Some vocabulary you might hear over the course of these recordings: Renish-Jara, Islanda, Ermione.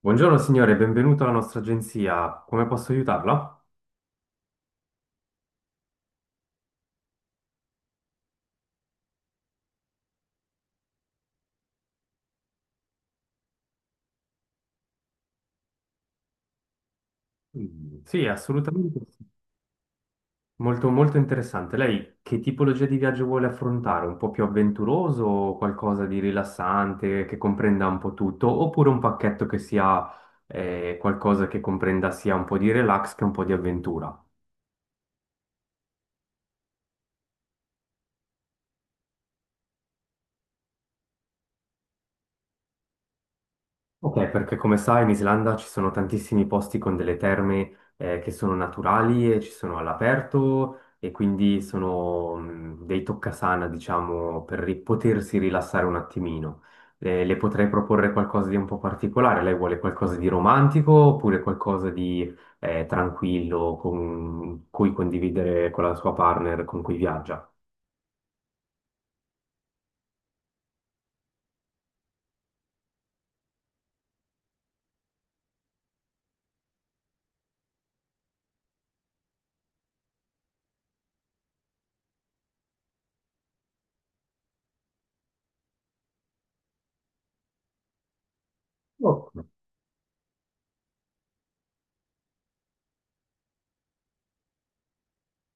Buongiorno signore, benvenuto alla nostra agenzia. Come posso aiutarla? Mm, sì, assolutamente. Sì. Molto, molto interessante. Lei che tipologia di viaggio vuole affrontare? Un po' più avventuroso o qualcosa di rilassante che comprenda un po' tutto? Oppure un pacchetto che sia qualcosa che comprenda sia un po' di relax che un po' di avventura? Ok, perché come sai in Islanda ci sono tantissimi posti con delle terme che sono naturali e ci sono all'aperto e quindi sono dei toccasana, diciamo, per potersi rilassare un attimino. Le potrei proporre qualcosa di un po' particolare. Lei vuole qualcosa di romantico oppure qualcosa di tranquillo con cui condividere con la sua partner con cui viaggia?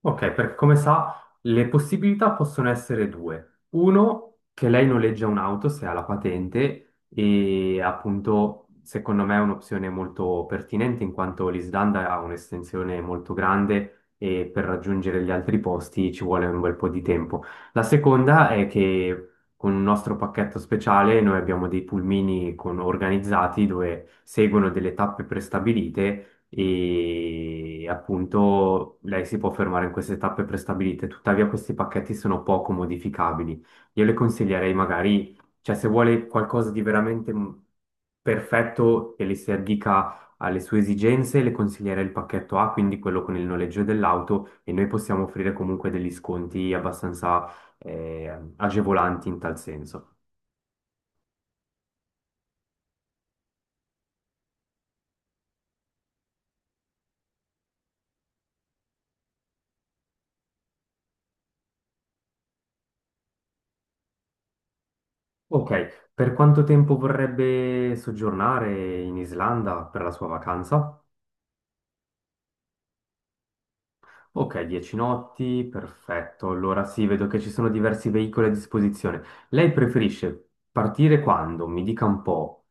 Ok, perché come sa, le possibilità possono essere due. Uno, che lei noleggia un'auto se ha la patente e appunto secondo me è un'opzione molto pertinente in quanto l'Islanda ha un'estensione molto grande e per raggiungere gli altri posti ci vuole un bel po' di tempo. La seconda è che con un nostro pacchetto speciale noi abbiamo dei pulmini organizzati dove seguono delle tappe prestabilite e appunto lei si può fermare in queste tappe prestabilite, tuttavia questi pacchetti sono poco modificabili. Io le consiglierei magari, cioè se vuole qualcosa di veramente perfetto e le si addica alle sue esigenze, le consiglierei il pacchetto A, quindi quello con il noleggio dell'auto e noi possiamo offrire comunque degli sconti abbastanza agevolanti in tal senso. Ok, per quanto tempo vorrebbe soggiornare in Islanda per la sua vacanza? Ok, 10 notti, perfetto. Allora sì, vedo che ci sono diversi veicoli a disposizione. Lei preferisce partire quando? Mi dica un po'.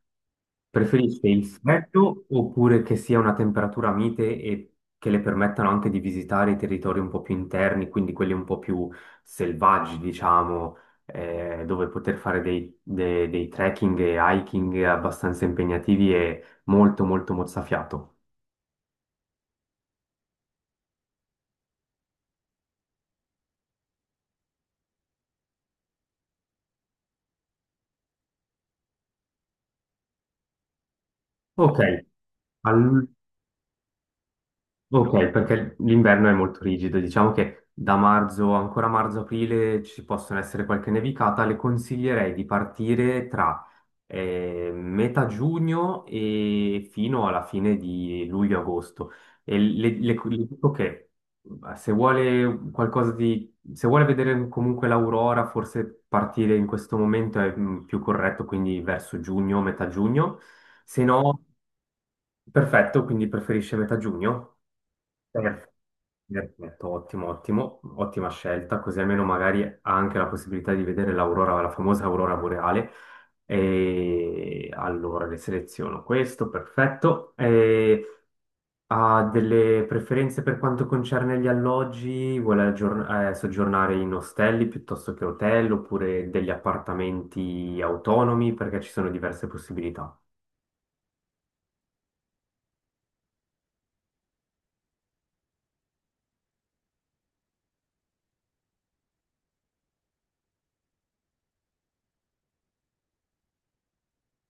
Preferisce il freddo oppure che sia una temperatura mite e che le permettano anche di visitare i territori un po' più interni, quindi quelli un po' più selvaggi, diciamo, dove poter fare dei trekking e hiking abbastanza impegnativi e molto molto mozzafiato. Ok. Ok, perché l'inverno è molto rigido, diciamo che da marzo, ancora marzo-aprile ci possono essere qualche nevicata, le consiglierei di partire tra metà giugno e fino alla fine di luglio-agosto. E le dico che se vuole qualcosa di, se vuole vedere comunque l'aurora, forse partire in questo momento è più corretto, quindi verso giugno, metà giugno, se no, perfetto, quindi preferisce metà giugno. Perfetto. Perfetto, ottimo, ottimo, ottima scelta, così almeno magari ha anche la possibilità di vedere l'aurora, la famosa aurora boreale. E allora le seleziono questo, perfetto. E ha delle preferenze per quanto concerne gli alloggi? Vuole soggiornare in ostelli piuttosto che hotel oppure degli appartamenti autonomi? Perché ci sono diverse possibilità.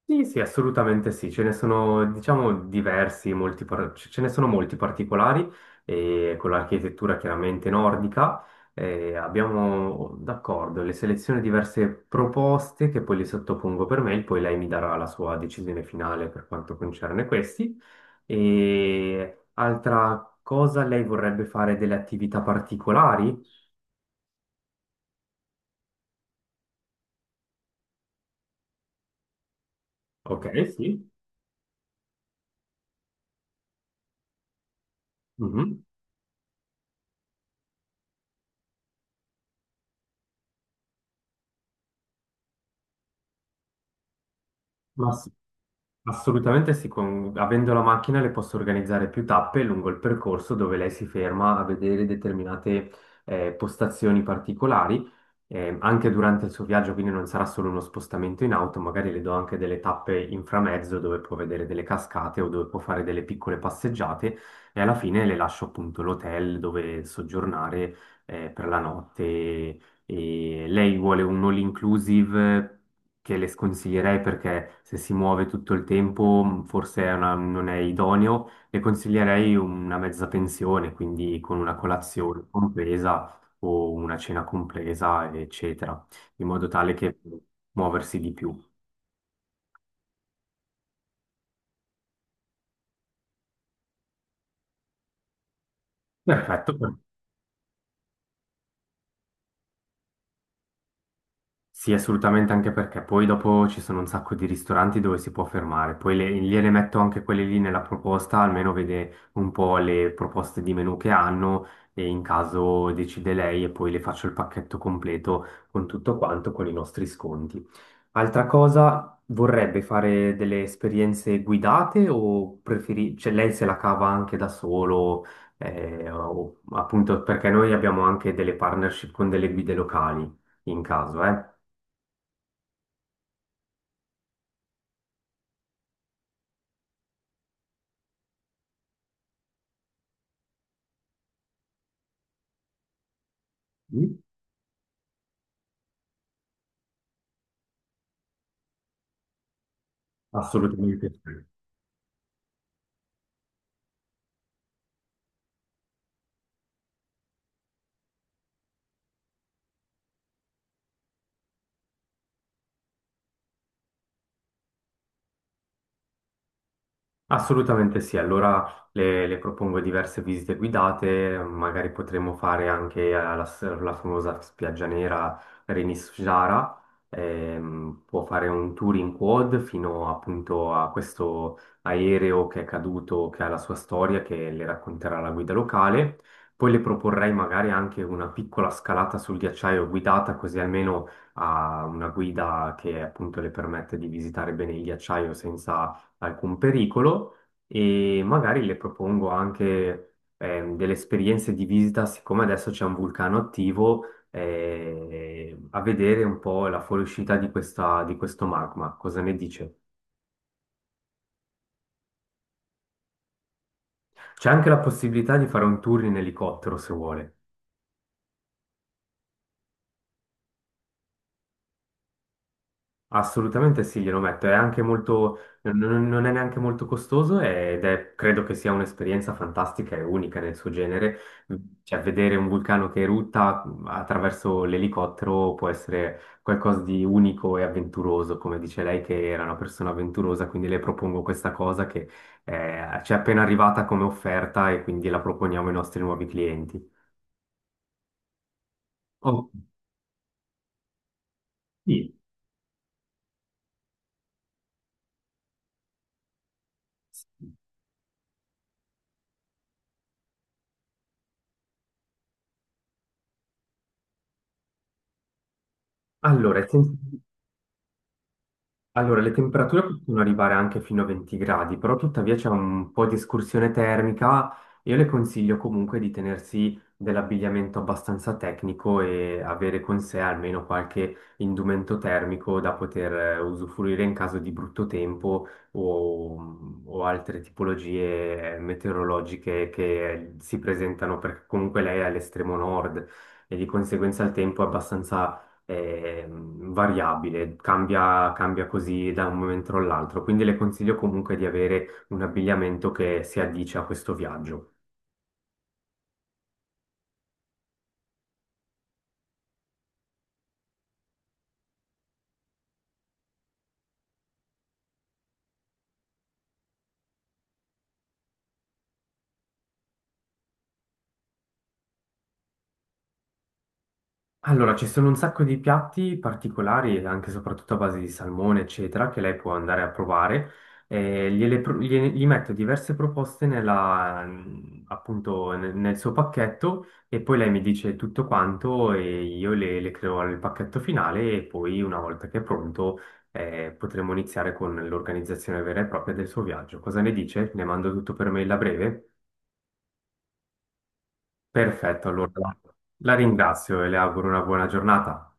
Sì, sì, assolutamente sì, ce ne sono, diciamo, diversi, molti ce ne sono molti particolari, e con l'architettura chiaramente nordica abbiamo, d'accordo, le selezioni diverse proposte che poi le sottopongo per mail, poi lei mi darà la sua decisione finale per quanto concerne questi. E altra cosa, lei vorrebbe fare delle attività particolari? Ok, sì. Mhm. Ma assolutamente sì, avendo la macchina le posso organizzare più tappe lungo il percorso dove lei si ferma a vedere determinate postazioni particolari, anche durante il suo viaggio, quindi non sarà solo uno spostamento in auto, magari le do anche delle tappe in framezzo dove può vedere delle cascate o dove può fare delle piccole passeggiate e alla fine le lascio appunto l'hotel dove soggiornare per la notte e lei vuole un all inclusive che le sconsiglierei perché se si muove tutto il tempo forse è non è idoneo. Le consiglierei una mezza pensione, quindi con una colazione compresa o una cena compresa, eccetera, in modo tale che muoversi di più. Perfetto. Sì, assolutamente, anche perché poi dopo ci sono un sacco di ristoranti dove si può fermare, poi gliele metto anche quelle lì nella proposta, almeno vede un po' le proposte di menù che hanno e in caso decide lei e poi le faccio il pacchetto completo con tutto quanto, con i nostri sconti. Altra cosa, vorrebbe fare delle esperienze guidate o preferi... cioè lei se la cava anche da solo, appunto perché noi abbiamo anche delle partnership con delle guide locali in caso, eh? Sì, assolutamente sì. Assolutamente sì, allora le propongo diverse visite guidate, magari potremmo fare anche alla famosa spiaggia nera Renish-Jara. Può fare un tour in quad fino appunto a questo aereo che è caduto, che ha la sua storia, che le racconterà la guida locale. Poi le proporrei magari anche una piccola scalata sul ghiacciaio guidata, così almeno ha una guida che appunto le permette di visitare bene il ghiacciaio senza alcun pericolo e magari le propongo anche delle esperienze di visita, siccome adesso c'è un vulcano attivo, a vedere un po' la fuoriuscita di di questo magma. Cosa ne dice? C'è anche la possibilità di fare un tour in elicottero se vuole. Assolutamente sì, glielo metto, è anche molto, non è neanche molto costoso ed è, credo che sia un'esperienza fantastica e unica nel suo genere, cioè vedere un vulcano che erutta attraverso l'elicottero può essere qualcosa di unico e avventuroso, come dice lei che era una persona avventurosa, quindi le propongo questa cosa che ci è appena arrivata come offerta e quindi la proponiamo ai nostri nuovi clienti. Oh, sì. Allora, Allora, le temperature possono arrivare anche fino a 20 gradi, però tuttavia c'è un po' di escursione termica. Io le consiglio comunque di tenersi dell'abbigliamento abbastanza tecnico e avere con sé almeno qualche indumento termico da poter usufruire in caso di brutto tempo o altre tipologie meteorologiche che si presentano, perché comunque lei è all'estremo nord e di conseguenza il tempo è abbastanza è variabile, cambia, cambia così da un momento all'altro, quindi le consiglio comunque di avere un abbigliamento che si addice a questo viaggio. Allora, ci sono un sacco di piatti particolari, anche e soprattutto a base di salmone, eccetera, che lei può andare a provare. Gli metto diverse proposte appunto nel, nel suo pacchetto e poi lei mi dice tutto quanto e io le creo nel pacchetto finale e poi una volta che è pronto potremo iniziare con l'organizzazione vera e propria del suo viaggio. Cosa ne dice? Le mando tutto per mail a breve? Perfetto, allora la ringrazio e le auguro una buona giornata.